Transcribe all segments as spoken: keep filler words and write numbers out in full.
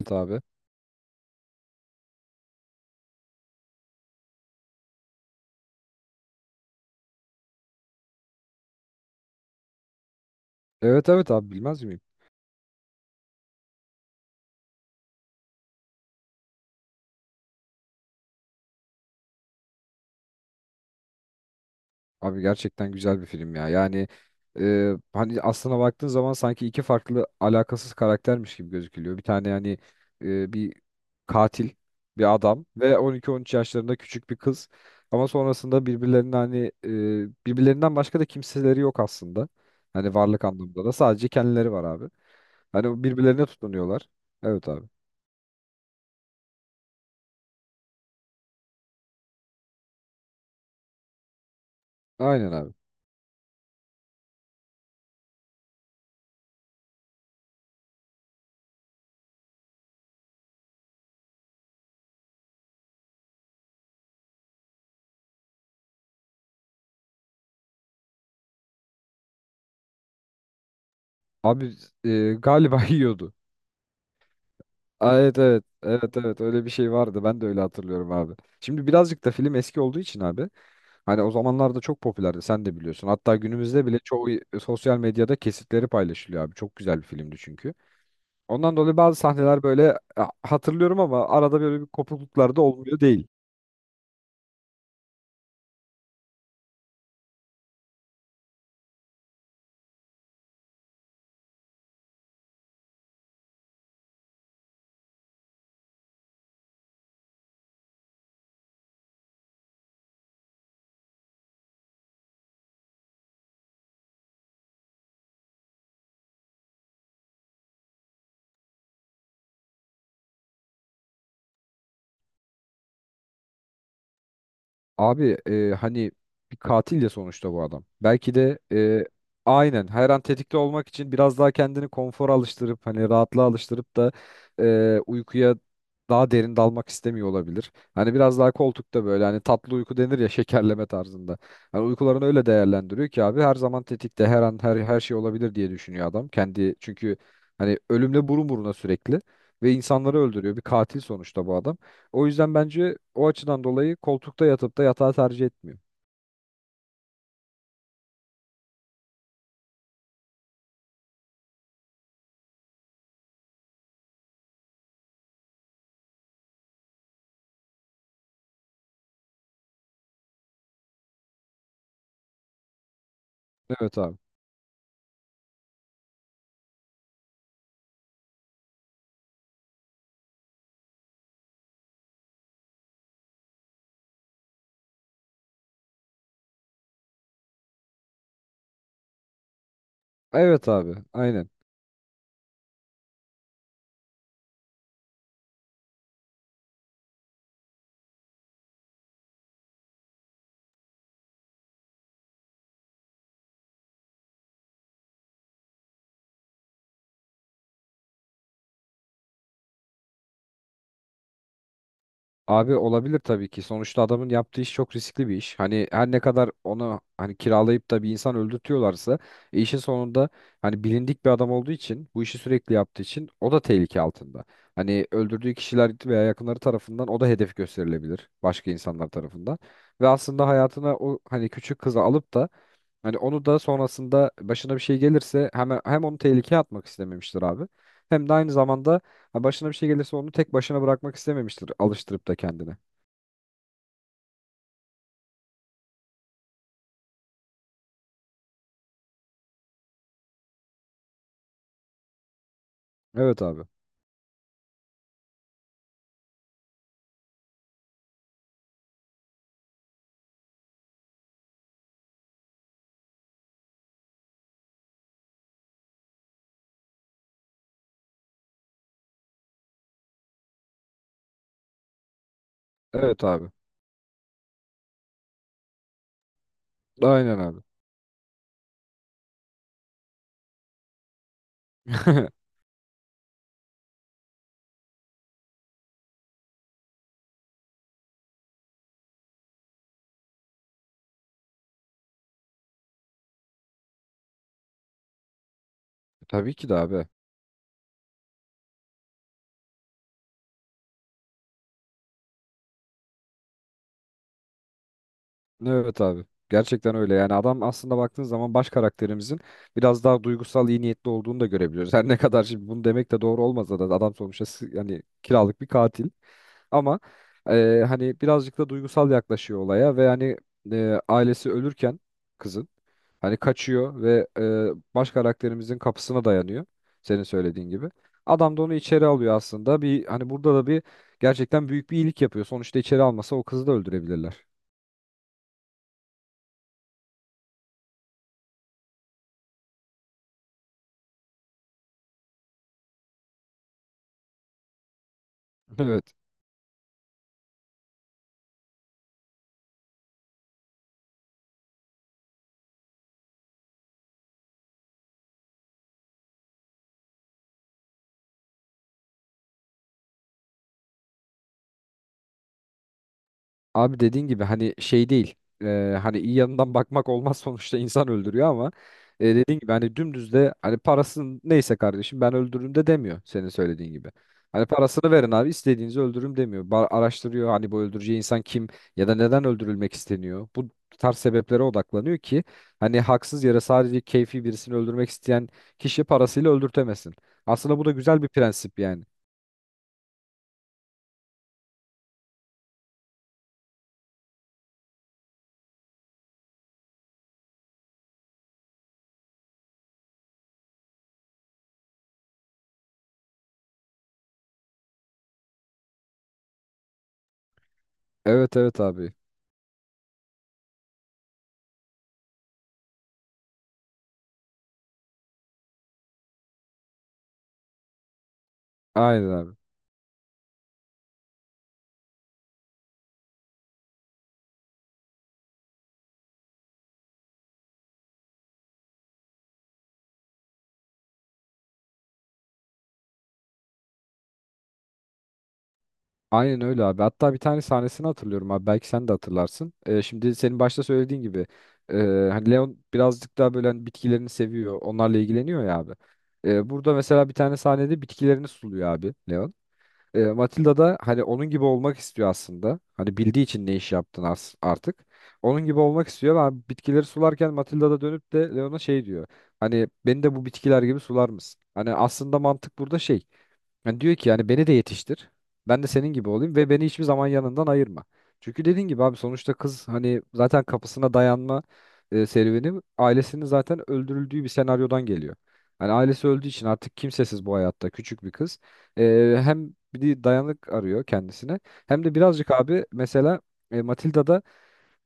Evet abi. Evet evet abi bilmez miyim? Abi gerçekten güzel bir film ya. Yani e, hani aslına baktığın zaman sanki iki farklı alakasız karaktermiş gibi gözükülüyor. Bir tane yani e, bir katil bir adam ve on iki on üç yaşlarında küçük bir kız. Ama sonrasında birbirlerinin hani e, birbirlerinden başka da kimseleri yok aslında. Hani varlık anlamında da sadece kendileri var abi. Hani birbirlerine tutunuyorlar. Evet abi. Aynen abi. Abi e, galiba yiyordu. Aa, evet evet. Evet evet öyle bir şey vardı. Ben de öyle hatırlıyorum abi. Şimdi birazcık da film eski olduğu için abi. Hani o zamanlarda çok popülerdi, sen de biliyorsun. Hatta günümüzde bile çoğu sosyal medyada kesitleri paylaşılıyor abi. Çok güzel bir filmdi çünkü. Ondan dolayı bazı sahneler böyle e, hatırlıyorum ama arada böyle bir kopukluklar da olmuyor değil. Abi e, hani bir katil ya sonuçta bu adam. Belki de e, aynen her an tetikte olmak için biraz daha kendini konfora alıştırıp hani rahatlığa alıştırıp da e, uykuya daha derin dalmak istemiyor olabilir. Hani biraz daha koltukta böyle hani tatlı uyku denir ya, şekerleme tarzında. Hani uykularını öyle değerlendiriyor ki abi, her zaman tetikte, her an her her şey olabilir diye düşünüyor adam. Kendi çünkü hani ölümle burun buruna sürekli ve insanları öldürüyor. Bir katil sonuçta bu adam. O yüzden bence o açıdan dolayı koltukta yatıp da yatağı tercih etmiyor. Evet abi. Evet abi. Aynen. Abi olabilir tabii ki. Sonuçta adamın yaptığı iş çok riskli bir iş. Hani her ne kadar onu hani kiralayıp da bir insan öldürtüyorlarsa e, işin sonunda hani bilindik bir adam olduğu için, bu işi sürekli yaptığı için o da tehlike altında. Hani öldürdüğü kişiler veya yakınları tarafından o da hedef gösterilebilir, başka insanlar tarafından. Ve aslında hayatına o hani küçük kızı alıp da hani onu da sonrasında başına bir şey gelirse hem, hem onu tehlikeye atmak istememiştir abi. Hem de aynı zamanda ha, başına bir şey gelirse onu tek başına bırakmak istememiştir, alıştırıp da kendine. Evet abi. Evet abi. Aynen abi. Tabii ki de abi. Evet abi. Gerçekten öyle. Yani adam aslında baktığın zaman baş karakterimizin biraz daha duygusal, iyi niyetli olduğunu da görebiliyoruz. Her ne kadar şimdi bunu demek de doğru olmasa da adam sonuçta s- yani kiralık bir katil. Ama e, hani birazcık da duygusal yaklaşıyor olaya ve hani e, ailesi ölürken kızın hani kaçıyor ve e, baş karakterimizin kapısına dayanıyor. Senin söylediğin gibi. Adam da onu içeri alıyor aslında. Bir hani burada da bir gerçekten büyük bir iyilik yapıyor. Sonuçta içeri almasa o kızı da öldürebilirler. Evet. Abi dediğin gibi hani şey değil. Ee, hani iyi yanından bakmak olmaz sonuçta insan öldürüyor ama e, dediğin gibi hani dümdüz de hani parasını neyse kardeşim ben öldürürüm de demiyor, senin söylediğin gibi. Hani parasını verin abi istediğinizi öldürürüm demiyor. Ba- araştırıyor hani bu öldüreceği insan kim ya da neden öldürülmek isteniyor. Bu tarz sebeplere odaklanıyor ki hani haksız yere sadece keyfi birisini öldürmek isteyen kişi parasıyla öldürtemesin. Aslında bu da güzel bir prensip yani. Evet evet abi. Aynen abi. Aynen öyle abi. Hatta bir tane sahnesini hatırlıyorum abi. Belki sen de hatırlarsın. Ee, şimdi senin başta söylediğin gibi e, hani Leon birazcık daha böyle hani bitkilerini seviyor. Onlarla ilgileniyor ya abi. Ee, burada mesela bir tane sahnede bitkilerini suluyor abi Leon. Ee, Matilda da hani onun gibi olmak istiyor aslında. Hani bildiği için ne iş yaptın artık. Onun gibi olmak istiyor ama bitkileri sularken Matilda da dönüp de Leon'a şey diyor. Hani beni de bu bitkiler gibi sular mısın? Hani aslında mantık burada şey. Yani diyor ki yani beni de yetiştir. Ben de senin gibi olayım ve beni hiçbir zaman yanından ayırma. Çünkü dediğin gibi abi sonuçta kız hani zaten kapısına dayanma e, serüveni ailesinin zaten öldürüldüğü bir senaryodan geliyor. Hani ailesi öldüğü için artık kimsesiz bu hayatta küçük bir kız. E, hem bir dayanık arıyor kendisine hem de birazcık abi mesela e, Matilda'da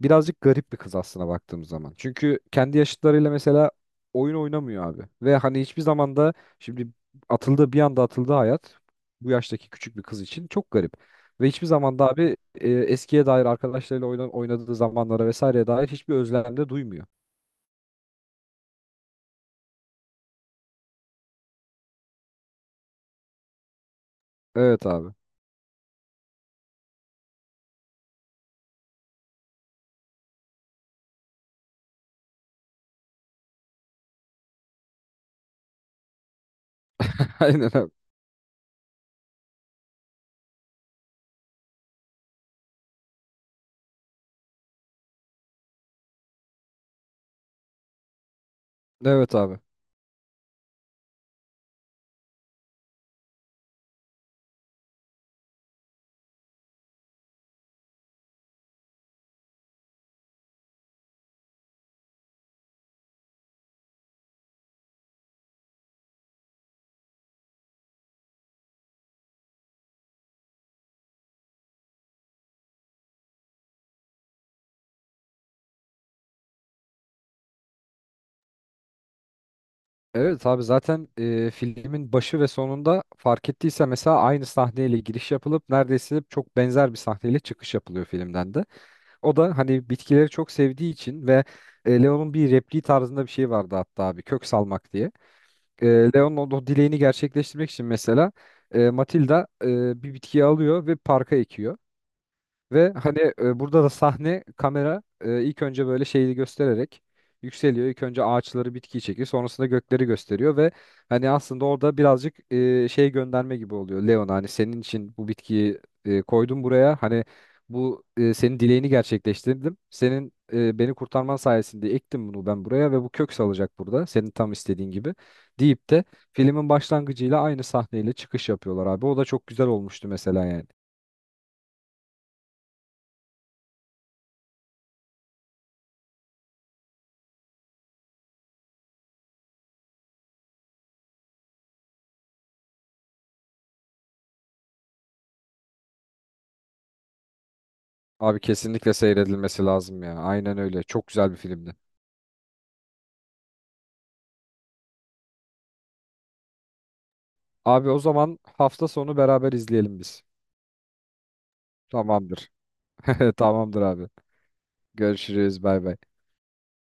birazcık garip bir kız aslına baktığımız zaman. Çünkü kendi yaşıtlarıyla mesela oyun oynamıyor abi. Ve hani hiçbir zaman da şimdi atıldı, bir anda atıldı hayat, bu yaştaki küçük bir kız için çok garip. Ve hiçbir zaman da abi e, eskiye dair arkadaşlarıyla oyna- oynadığı zamanlara vesaireye dair hiçbir özlem de duymuyor. Evet abi. Aynen abi. Evet abi. Evet abi, zaten e, filmin başı ve sonunda fark ettiyse mesela aynı sahneyle giriş yapılıp neredeyse çok benzer bir sahneyle çıkış yapılıyor filmden de. O da hani bitkileri çok sevdiği için ve e, Leon'un bir repliği tarzında bir şey vardı hatta abi, kök salmak diye. E, Leon'un o, o dileğini gerçekleştirmek için mesela e, Matilda e, bir bitkiyi alıyor ve parka ekiyor. Ve hani e, burada da sahne kamera e, ilk önce böyle şeyi göstererek yükseliyor. İlk önce ağaçları, bitkiyi çekiyor. Sonrasında gökleri gösteriyor ve hani aslında orada birazcık e, şey gönderme gibi oluyor. Leon, hani senin için bu bitkiyi e, koydum buraya. Hani bu e, senin dileğini gerçekleştirdim. Senin e, beni kurtarman sayesinde ektim bunu ben buraya ve bu kök salacak burada, senin tam istediğin gibi deyip de filmin başlangıcıyla aynı sahneyle çıkış yapıyorlar abi. O da çok güzel olmuştu mesela yani. Abi kesinlikle seyredilmesi lazım ya. Aynen öyle. Çok güzel bir filmdi. Abi o zaman hafta sonu beraber izleyelim biz. Tamamdır. Tamamdır abi. Görüşürüz. Bay bay.